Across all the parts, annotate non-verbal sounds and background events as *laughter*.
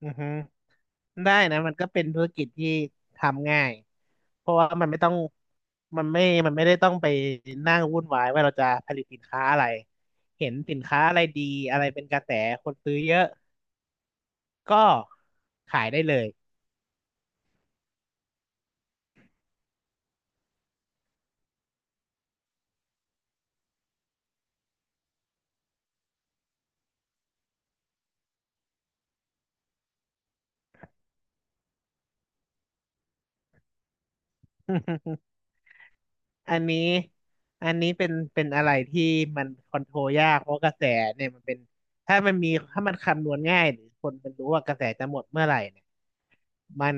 อือฮึได้นะมันก็เป็นธุรกิจที่ทำง่าย เพราะว่ามันไม่ต้อง มันไม่มันไม่ได้ต้องไปนั่งวุ่นวายว่าเราจะผลิตสินค้าอะไร เห็นสินค้าอะไรดีอะไรเป็นกระแสคนซื้อเยอะ ก็ขายได้เลย *laughs* อันนี้อันนี้เป็นอะไรที่มันคอนโทรลยากเพราะกระแสเนี่ยมันเป็นถ้ามันคำนวณง่ายหรือคนมันรู้ว่ากระแสจะหมดเมื่อไหร่เนี่ยมัน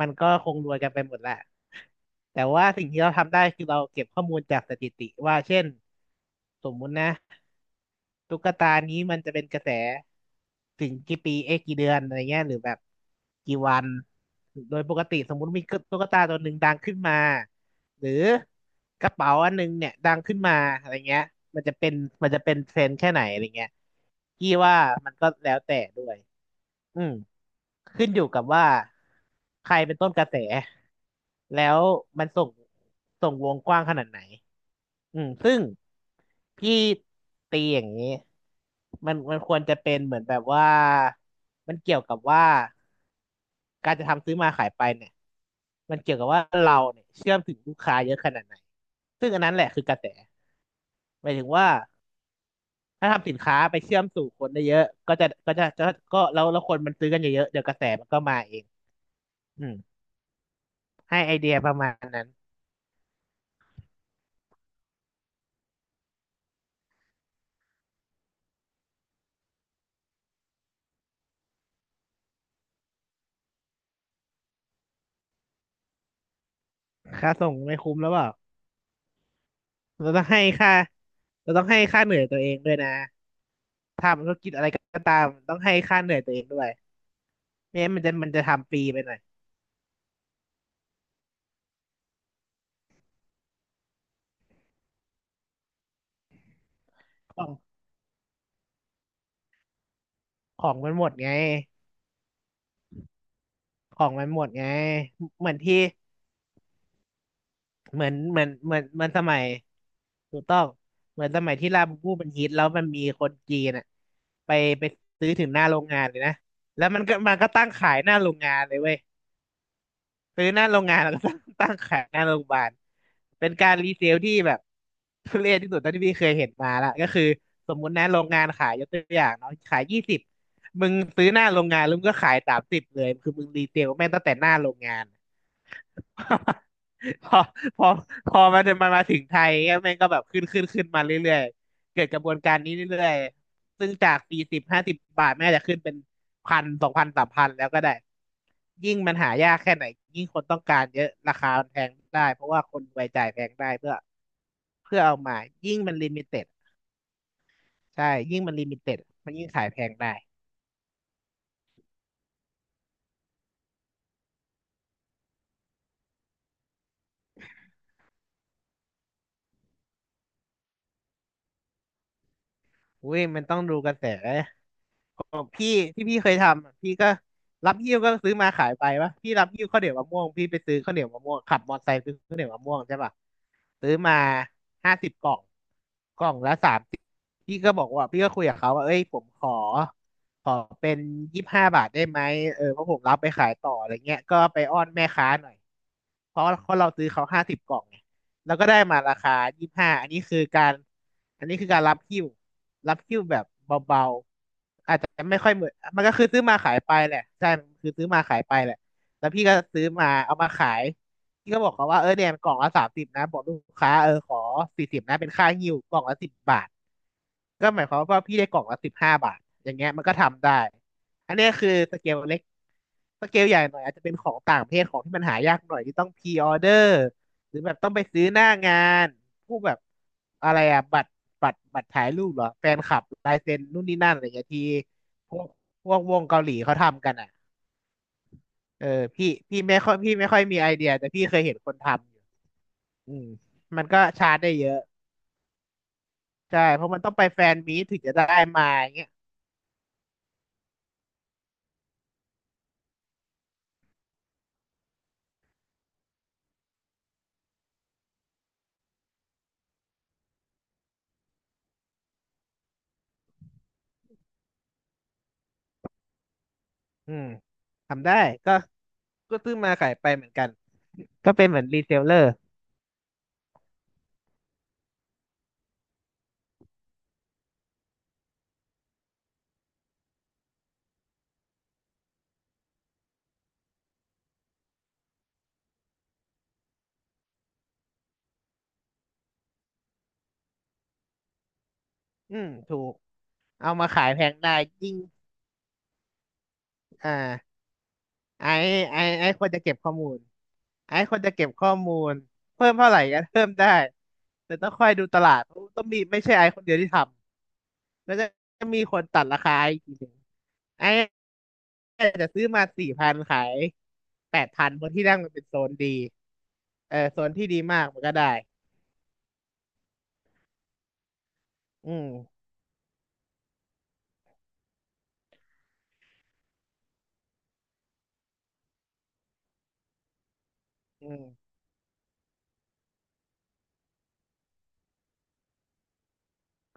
มันก็คงรวยกันไปหมดแหละแต่ว่าสิ่งที่เราทำได้คือเราเก็บข้อมูลจากสถิติว่าเช่นสมมุตินะตุ๊กตานี้มันจะเป็นกระแสถึงกี่ปีเอ๊ะกี่เดือนอะไรเงี้ยหรือแบบกี่วันโดยปกติสมมุติมีตุ๊กตาตัวหนึ่งดังขึ้นมา หรือกระเป๋าอันหนึงเนี่ยดังขึ้นมาอะไรเงี้ยมันจะเป็นมันจะเป็นเทรนด์แค่ไหนอะไรเงี้ยพี่ว่ามันก็แล้วแต่ด้วยอืมขึ้นอยู่กับว่าใครเป็นต้นกระแสแล้วมันส่งวงกว้างขนาดไหน อืมซึ่งพี่ตีอย่างนี้มันควรจะเป็นเหมือนแบบว่ามันเกี่ยวกับว่าการจะทำซื้อมาขายไปเนี่ยมันเกี่ยวกับว่าเราเนี่ยเชื่อมถึงลูกค้าเยอะขนาดไหนซึ่งอันนั้นแหละคือกระแสหมายถึงว่าถ้าทำสินค้าไปเชื่อมสู่คนได้เยอะก็จะก็แล้วคนมันซื้อกันเยอะๆเดี๋ยวกระแสมันก็มาเองอืมให้ไอเดียประมาณนั้นค่าส่งไม่คุ้มแล้วเปล่าเราต้องให้ค่าเราต้องให้ค่าเหนื่อยตัวเองด้วยนะ ทำธุรกิจอะไรก็ตามต้องให้ค่าเหนื่อยตัวเองด้วยไม่งั้นมันจะทำฟรีไปหน่อยของของมันหมดไงของมันหมดไงเหมือนที่เหมือนเหมือนเหมือนเหมือนสมัยถูกต้องเหมือนสมัยที่ลาบูบูมันฮิตแล้วมันมีคนจีนอ่ะไปไปซื้อถึงหน้าโรงงานเลยนะแล้วมันก็ตั้งขายหน้าโรงงานเลยเว้ย ซื้อหน้าโรงงานแล้วก็ *laughs* ตั้งขายหน้าโรงพยาบาลเป็นการรีเซลที่แบบ *laughs* ทุเรศที่สุดเท่าที่พี่เคยเห็นมาละก็คือสมมุตินะโรงงานขายยกตัวอย่างเนาะขายยี่สิบมึงซื้อหน้าโรงงานแล้วมึงก็ขายสามสิบเลยคือมึงรีเซลแม่งตั้งแต่หน้าโรงงาน พอพอพอมันมาถึงไทยก็แม่งก็แบบขึ้นมาเรื่อยๆเกิดกระบวนการนี้เรื่อยๆซึ่งจาก40-50 บาทแม่งอาจจะขึ้นเป็น1,000 2,000 3,000แล้วก็ได้ยิ่งมันหายากแค่ไหนยิ่งคนต้องการเยอะราคามันแพงได้เพราะว่าคนรวยจ่ายแพงได้เพื่อเอามายิ่งมันลิมิเต็ดใช่ยิ่งมันลิมิเต็ดมันยิ่งขายแพงได้อุ้ยมันต้องดูกระแส ของพี่ที่พี่เคยทำอะพี่ก็รับหิ้วก็ซื้อมาขายไปวะพี่รับหิ้วข้าวเหนียวมะม่วงพี่ไปซื้อข้าวเหนียวมะม่วงขับมอเตอร์ไซค์ซื้อข้าวเหนียวมะม่วงใช่ปะซื้อมาห้าสิบกล่องกล่องละสามสิบพี่ก็บอกว่าพี่ก็คุยกับเขาว่าเอ้ยผมขอเป็น25 บาทได้ไหมเออเพราะผมรับไปขายต่ออะไรเงี้ยก็ไปอ้อนแม่ค้าหน่อยเพราะเราซื้อเขาห้าสิบกล่องไงแล้วก็ได้มาราคายี่สิบห้าอันนี้คือการรับหิ้วรับหิ้วแบบเบา แต่ไม่ค่อยเหมือนมันก็คือซื้อมาขายไปแหละใช่มันคือซื้อมาขายไปแหละแล้วพี่ก็ซื้อมาเอามาขายพี่ก็บอกเขาว่าเออเนี่ยมันกล่องละสามสิบนะบอกลูกค้าเออขอสี่สิบนะเป็นค่าหิ้วกล่องละ 10 บาทก็หมายความว่าพี่ได้กล่องละ 15 บาทอย่างเงี้ยมันก็ทำได้อันเนี้ยคือสเกลเล็ก สเกลใหญ่หน่อยอาจจะเป็นของต่างประเทศของที่มันหายากหน่อยที่ต้องพรีออเดอร์หรือแบบต้องไปซื้อหน้างานพวกแบบอะไรอะบัตรบัตรถ่ายรูปเหรอแฟนคลับลายเซ็นนู่นนี่นั่นอะไรเงี้ยที่พวกพวกวงเกาหลีเขาทำกันอ่ะเออพี่พี่ไม่ค่อยพี่ไม่ค่อยมีไอเดียแต่พี่เคยเห็นคนทำอยู่อืมมันก็ชาร์จได้เยอะใช่เพราะมันต้องไปแฟนมีตถึงจะได้มาอย่างเงี้ยอืมทำได้ก็ก็ซื้อมาขายไปเหมือนกันก็เป็นเหมือนรีเซลเลอร์อืมถูก เอามาขายแพงได้ยิ่งอ่าไอ้ไอ้ควรจะเก็บข้อมูลไอ้ควรจะเก็บข้อมูลเพิ่มเท่าไหร่ก็เพิ่มได้แต่ต้องคอยดูตลาดเพราะต้องมีไม่ใช่ไอ้คนเดียวที่ทำแล้วจะมีคนตัดราคาอีกทีหนึ่งไอ้อาจจะซื้อมา4,000ขายแปดพันเพราะที่นั่งมันเป็นโซนดีเออโซนที่ดีมากมันก็ได้อืมอืม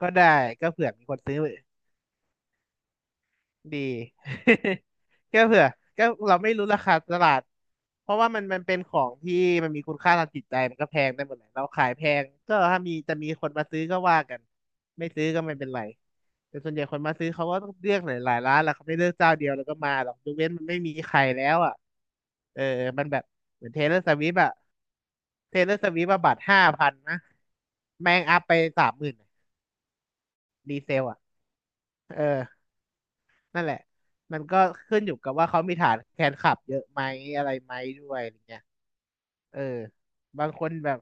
ก็ได้ก็เผื่อมีคนซื้อ ดี *laughs* ก็เผื่อก็เราไม่รู้ราคาตลาดเพราะว่ามันเป็นของที่มันมีคุณค่าทางจิตใจมันก็แพงได้หมดแหละเราขายแพงก็ถ้ามีจะมีคนมาซื้อก็ว่ากัน ไม่ซื้อก็ไม่เป็นไรแต่ส่วนใหญ่คนมาซื้อเขาก็ต้องเลือกหลายหลายร้านแหละเขาไม่เลือกเจ้าเดียวแล้วก็มาหรอกยกเว้นมันไม่มีใครแล้วอ่ะเออมันแบบเหมือนเทเลอร์สวิฟอะบัตร5,000นะแม่งอัพไป30,000รีเซลอะเออ นั่นแหละมันก็ขึ้นอยู่กับว่าเขามีฐานแฟนคลับเยอะไหมอะไรไหมด้วยอะไรเงี้ยเออบางคนแบบ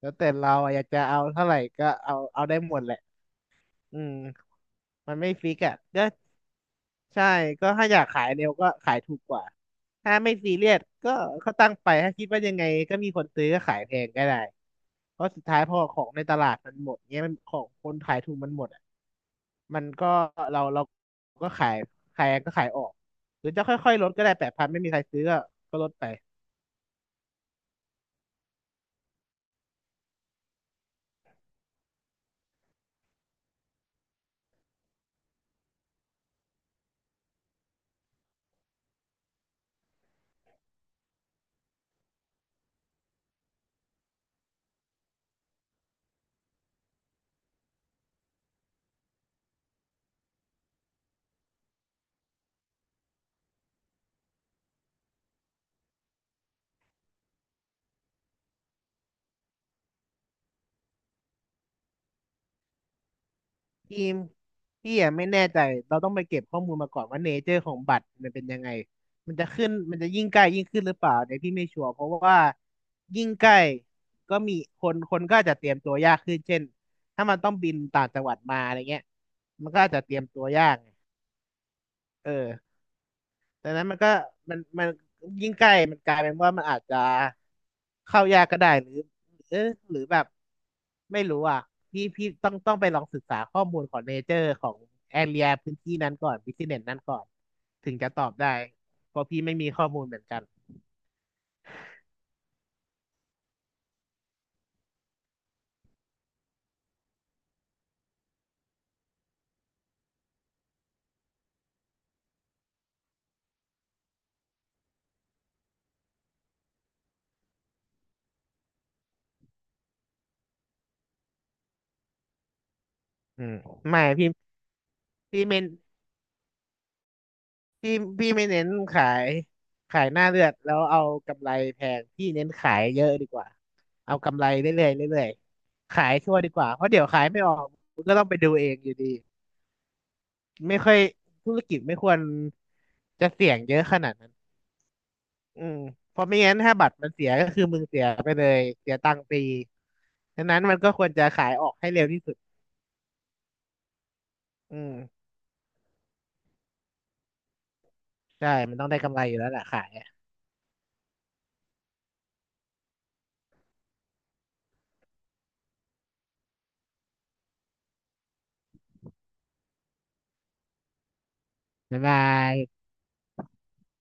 แล้วแต่เราอะอยากจะเอาเท่าไหร่ก็เอาเอาได้หมดแหละอืมมันไม่ฟิกอ่ะก็ใช่ก็ถ้าอยากขายเร็วก็ขายถูกกว่า ถ้าไม่ซีเรียสก็เขาตั้งไป ถ้าคิดว่ายังไงก็มีคนซื้อก็ขายแพงก็ได้เพราะสุดท้ายพอของในตลาดมันหมดเงี้ยมันของคนขายถูกมันหมดอะ มันก็เราก็ขายขายก็ขายออกหรือจะค่อยๆลดก็ได้แปดพันไม่มีใครซื้อก็ก็ลดไปทีมพี่อะไม่แน่ใจเราต้องไปเก็บข้อมูลมาก่อนว่าเนเจอร์ของบัตรมันเป็นยังไงมันจะขึ้นมันจะยิ่งใกล้ยิ่งขึ้นหรือเปล่าเนี่ยพี่ไม่ชัวร์เพราะว่ายิ่งใกล้ก็มีคนก็อาจจะเตรียมตัวยากขึ้นเช่นถ้ามันต้องบินต่างจังหวัดมาอะไรเงี้ยมันก็อาจจะเตรียมตัวยากไงเออ ดังนั้นมันก็มันยิ่งใกล้มันกลายเป็นว่ามันอาจจะเข้ายากก็ได้หรือเออหรือแบบไม่รู้อ่ะพี่ต้องไปลองศึกษาข้อมูลของเนเจอร์ของแอเรียพื้นที่นั้นก่อนบิสเนสนั้นก่อนถึงจะตอบได้เพราะพี่ไม่มีข้อมูลเหมือนกันอืมไม่พี่พี่ไม่ พี่พี่ไม่เน้นขายขายหน้าเลือดแล้วเอากำไรแพงพี่เน้นขายเยอะดีกว่าเอากำไรเรื่อยๆเรื่อยๆขายชั่วดีกว่าเพราะเดี๋ยวขายไม่ออกมันก็ต้องไปดูเองอยู่ดีไม่ค่อยธุรกิจไม่ควรจะเสี่ยงเยอะขนาดนั้นอืมเพราะไม่งั้นถ้าบัตรมันเสียก็คือมึงเสียไปเลยเสียตังค์ฟรีดังนั้นมันก็ควรจะขายออกให้เร็วที่สุดอืมใช่มันต้องได้กำไรอยู่แล้วแหละขายอะบ๊ายบาย